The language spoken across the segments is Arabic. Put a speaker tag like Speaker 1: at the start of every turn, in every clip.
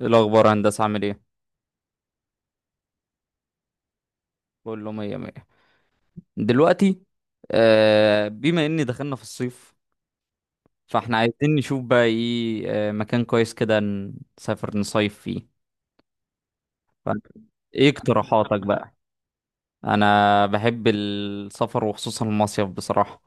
Speaker 1: إيه الأخبار يا هندسة عامل ايه؟ بقول له مية مية دلوقتي. بما إني دخلنا في الصيف، فاحنا عايزين نشوف بقى ايه، مكان كويس كده نسافر نصيف فيه. فأنت ايه اقتراحاتك بقى؟ أنا بحب السفر وخصوصا المصيف بصراحة.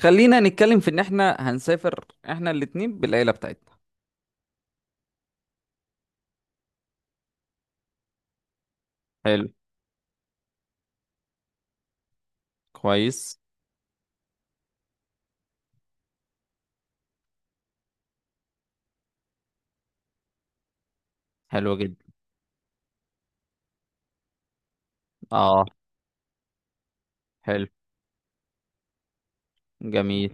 Speaker 1: خلينا نتكلم في إن احنا هنسافر، احنا الاتنين بالعيلة بتاعتنا. حلو، كويس. حلو جدا. اه. حلو، جميل.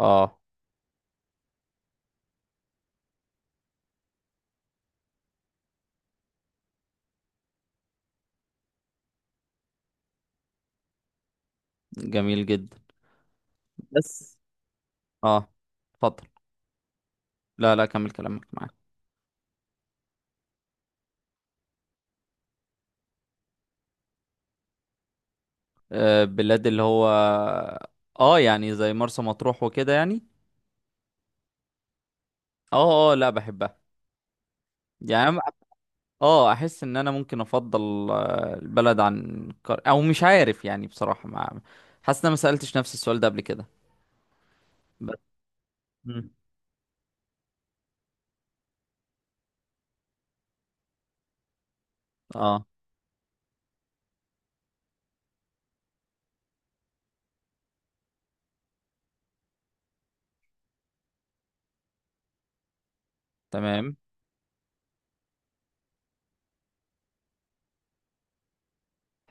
Speaker 1: اه، جميل جدا. بس، اه اتفضل. لا لا، كمل كلامك معاك. بلاد اللي هو، اه يعني زي مرسى مطروح وكده يعني. اه اه، لا بحبها. يعني أنا- اه احس ان انا ممكن افضل، البلد عن او مش عارف، يعني بصراحة ما حاسس ان انا ما سألتش نفس السؤال ده قبل كده. بس. مم. اه. تمام.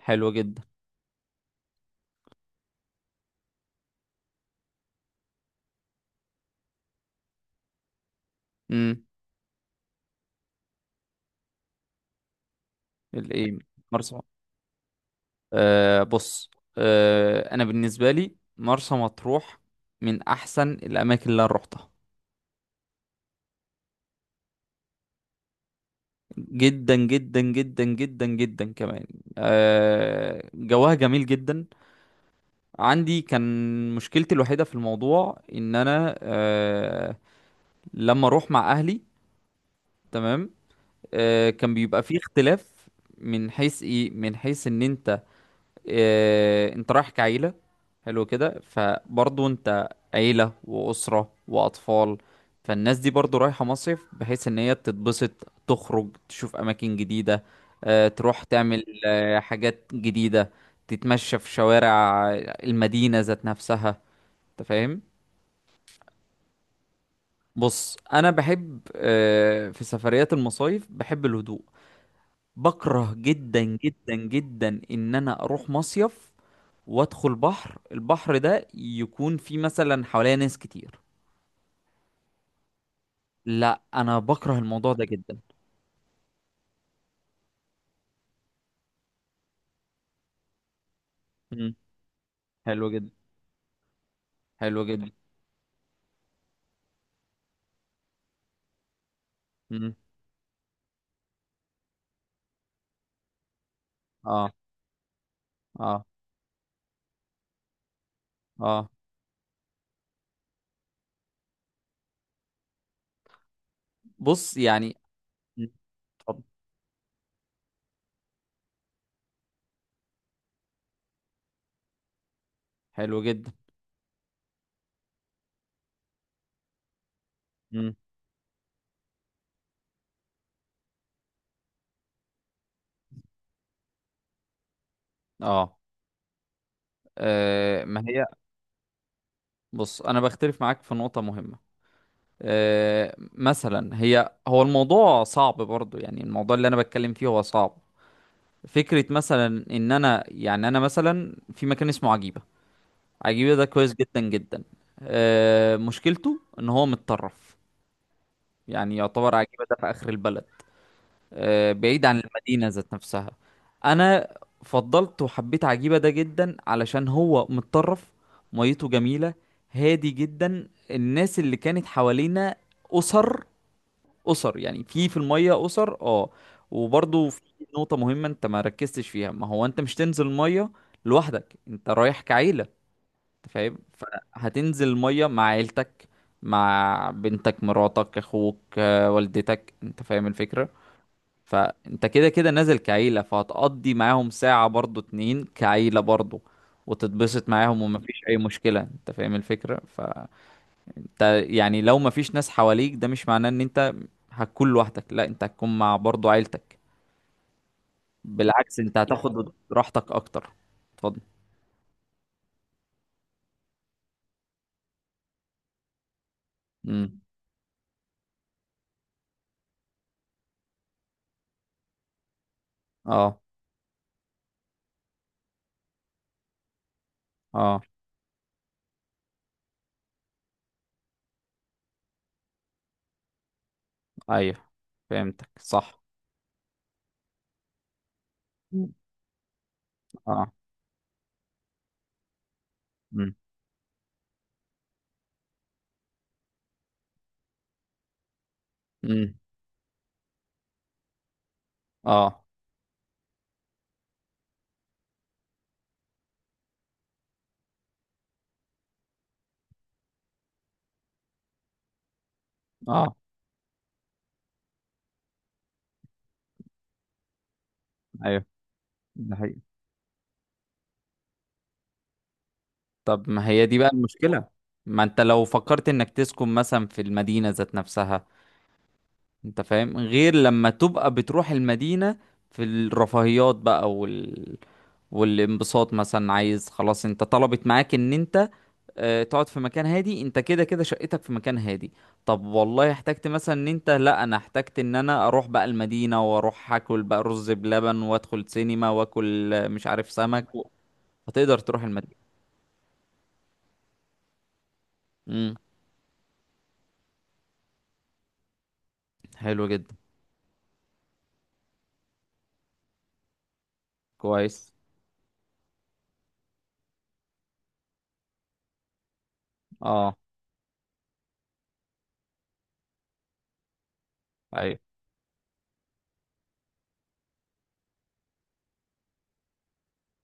Speaker 1: حلو جدا. امم. الايه؟ مرسى مطروح. بص، انا بالنسبة لي مرسى مطروح من احسن الاماكن اللي انا روحتها. جدا جدا جدا جدا جدا كمان. جوها جميل جدا. عندي كان مشكلتي الوحيدة في الموضوع ان انا، لما اروح مع اهلي. تمام. كان بيبقى فيه اختلاف من حيث من حيث ان انت، انت رايح كعيلة. حلو كده، فبرضه انت عيلة وأسرة وأطفال، فالناس دي برضه رايحة مصيف بحيث ان هي تتبسط، تخرج تشوف أماكن جديدة، تروح تعمل حاجات جديدة، تتمشى في شوارع المدينة ذات نفسها. انت فاهم. بص، انا بحب، في سفريات المصايف بحب الهدوء. بكره جدا جدا جدا ان انا اروح مصيف وادخل البحر ده يكون فيه مثلا حواليا ناس كتير. لا انا بكره الموضوع ده جدا. مم. حلو جدا. حلو جدا. مم. اه. اه. اه. بص يعني. مم. اتفضل. حلو جدا. مم. اه. ما هي. بص، انا بختلف معاك في نقطة مهمة. مثلا، هو الموضوع صعب برضو، يعني الموضوع اللي انا بتكلم فيه هو صعب. فكرة مثلا ان انا، يعني انا مثلا، في مكان اسمه عجيبة. عجيبة ده كويس جدا جدا. مشكلته ان هو متطرف، يعني يعتبر عجيبة ده في اخر البلد، بعيد عن المدينة ذات نفسها. انا فضلت وحبيت عجيبة ده جدا علشان هو متطرف. ميته جميلة، هادي جدا. الناس اللي كانت حوالينا اسر، اسر، يعني في الميه اسر، اه. وبرضو في نقطه مهمه انت ما ركزتش فيها. ما هو انت مش تنزل الميه لوحدك، انت رايح كعيله، انت فاهم. فهتنزل الميه مع عيلتك، مع بنتك، مراتك، اخوك، والدتك، انت فاهم الفكره. فانت كده كده نازل كعيله، فهتقضي معاهم ساعه برضو اتنين كعيله برضو، وتتبسط معاهم، ومفيش اي مشكله، انت فاهم الفكره. انت يعني لو مفيش ناس حواليك، ده مش معناه ان انت هتكون لوحدك، لا، انت هتكون مع برضو عيلتك. بالعكس، انت هتاخد راحتك اكتر. اتفضل. امم. اه. اه. ايوه، فهمتك صح. مم. اه. امم. امم. اه. اه. ايوه، ده حقيقي. طب، ما هي دي بقى المشكلة. ما انت لو فكرت انك تسكن مثلا في المدينة ذات نفسها، انت فاهم، غير لما تبقى بتروح المدينة في الرفاهيات بقى والانبساط. مثلا، عايز خلاص، انت طلبت معاك ان انت اه تقعد في مكان هادي، انت كده كده شقتك في مكان هادي. طب، والله احتجت مثلا ان انت، لا انا احتجت ان انا اروح بقى المدينة، واروح اكل بقى رز بلبن، وادخل سينما، واكل، مش عارف، سمك فتقدر تروح المدينة. امم. حلو جدا، كويس. اه. ايوه.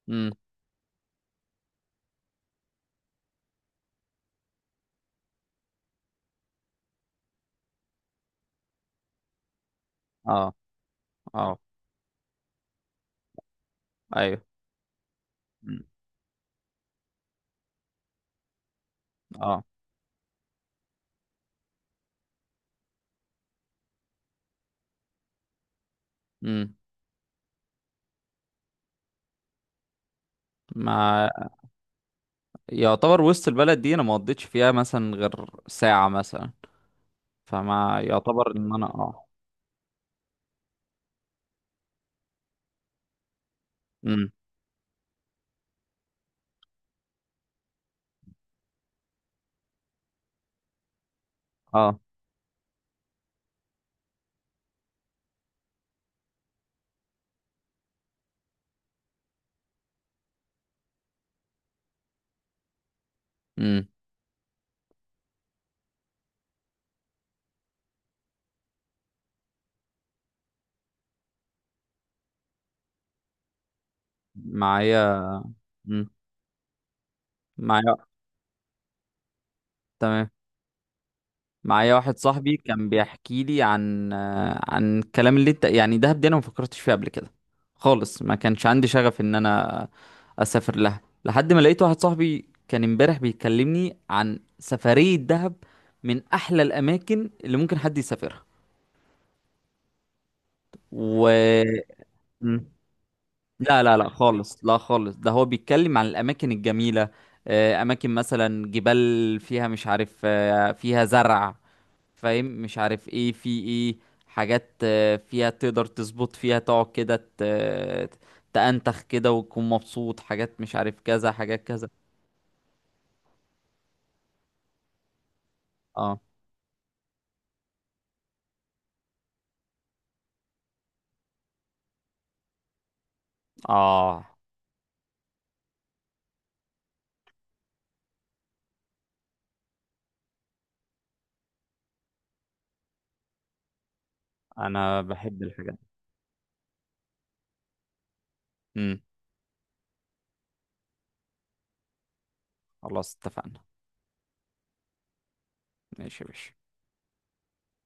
Speaker 1: امم. اه. اه. ايوه. مم. اه. مم. ما يعتبر وسط البلد دي انا ما قضيتش فيها مثلا غير ساعة مثلا، فما يعتبر ان انا امم. اه. امم. معايا. امم. معايا. تمام. معايا واحد صاحبي كان بيحكي لي عن الكلام اللي انت، يعني، دهب دي انا ما فكرتش فيها قبل كده خالص، ما كانش عندي شغف ان انا اسافر لها، لحد ما لقيت واحد صاحبي كان امبارح بيكلمني عن سفرية دهب، من احلى الاماكن اللي ممكن حد يسافرها و لا لا لا، خالص، لا خالص، ده هو بيتكلم عن الأماكن الجميلة، أماكن مثلا جبال فيها، مش عارف، فيها زرع، فاهم، مش عارف ايه في ايه، حاجات، فيها تقدر تظبط، فيها تقعد كده تأنتخ كده وتكون مبسوط، حاجات، مش عارف كذا، حاجات كذا. اه. اه. انا بحب الحاجات دي. امم. خلاص اتفقنا. ماشي يا باشا.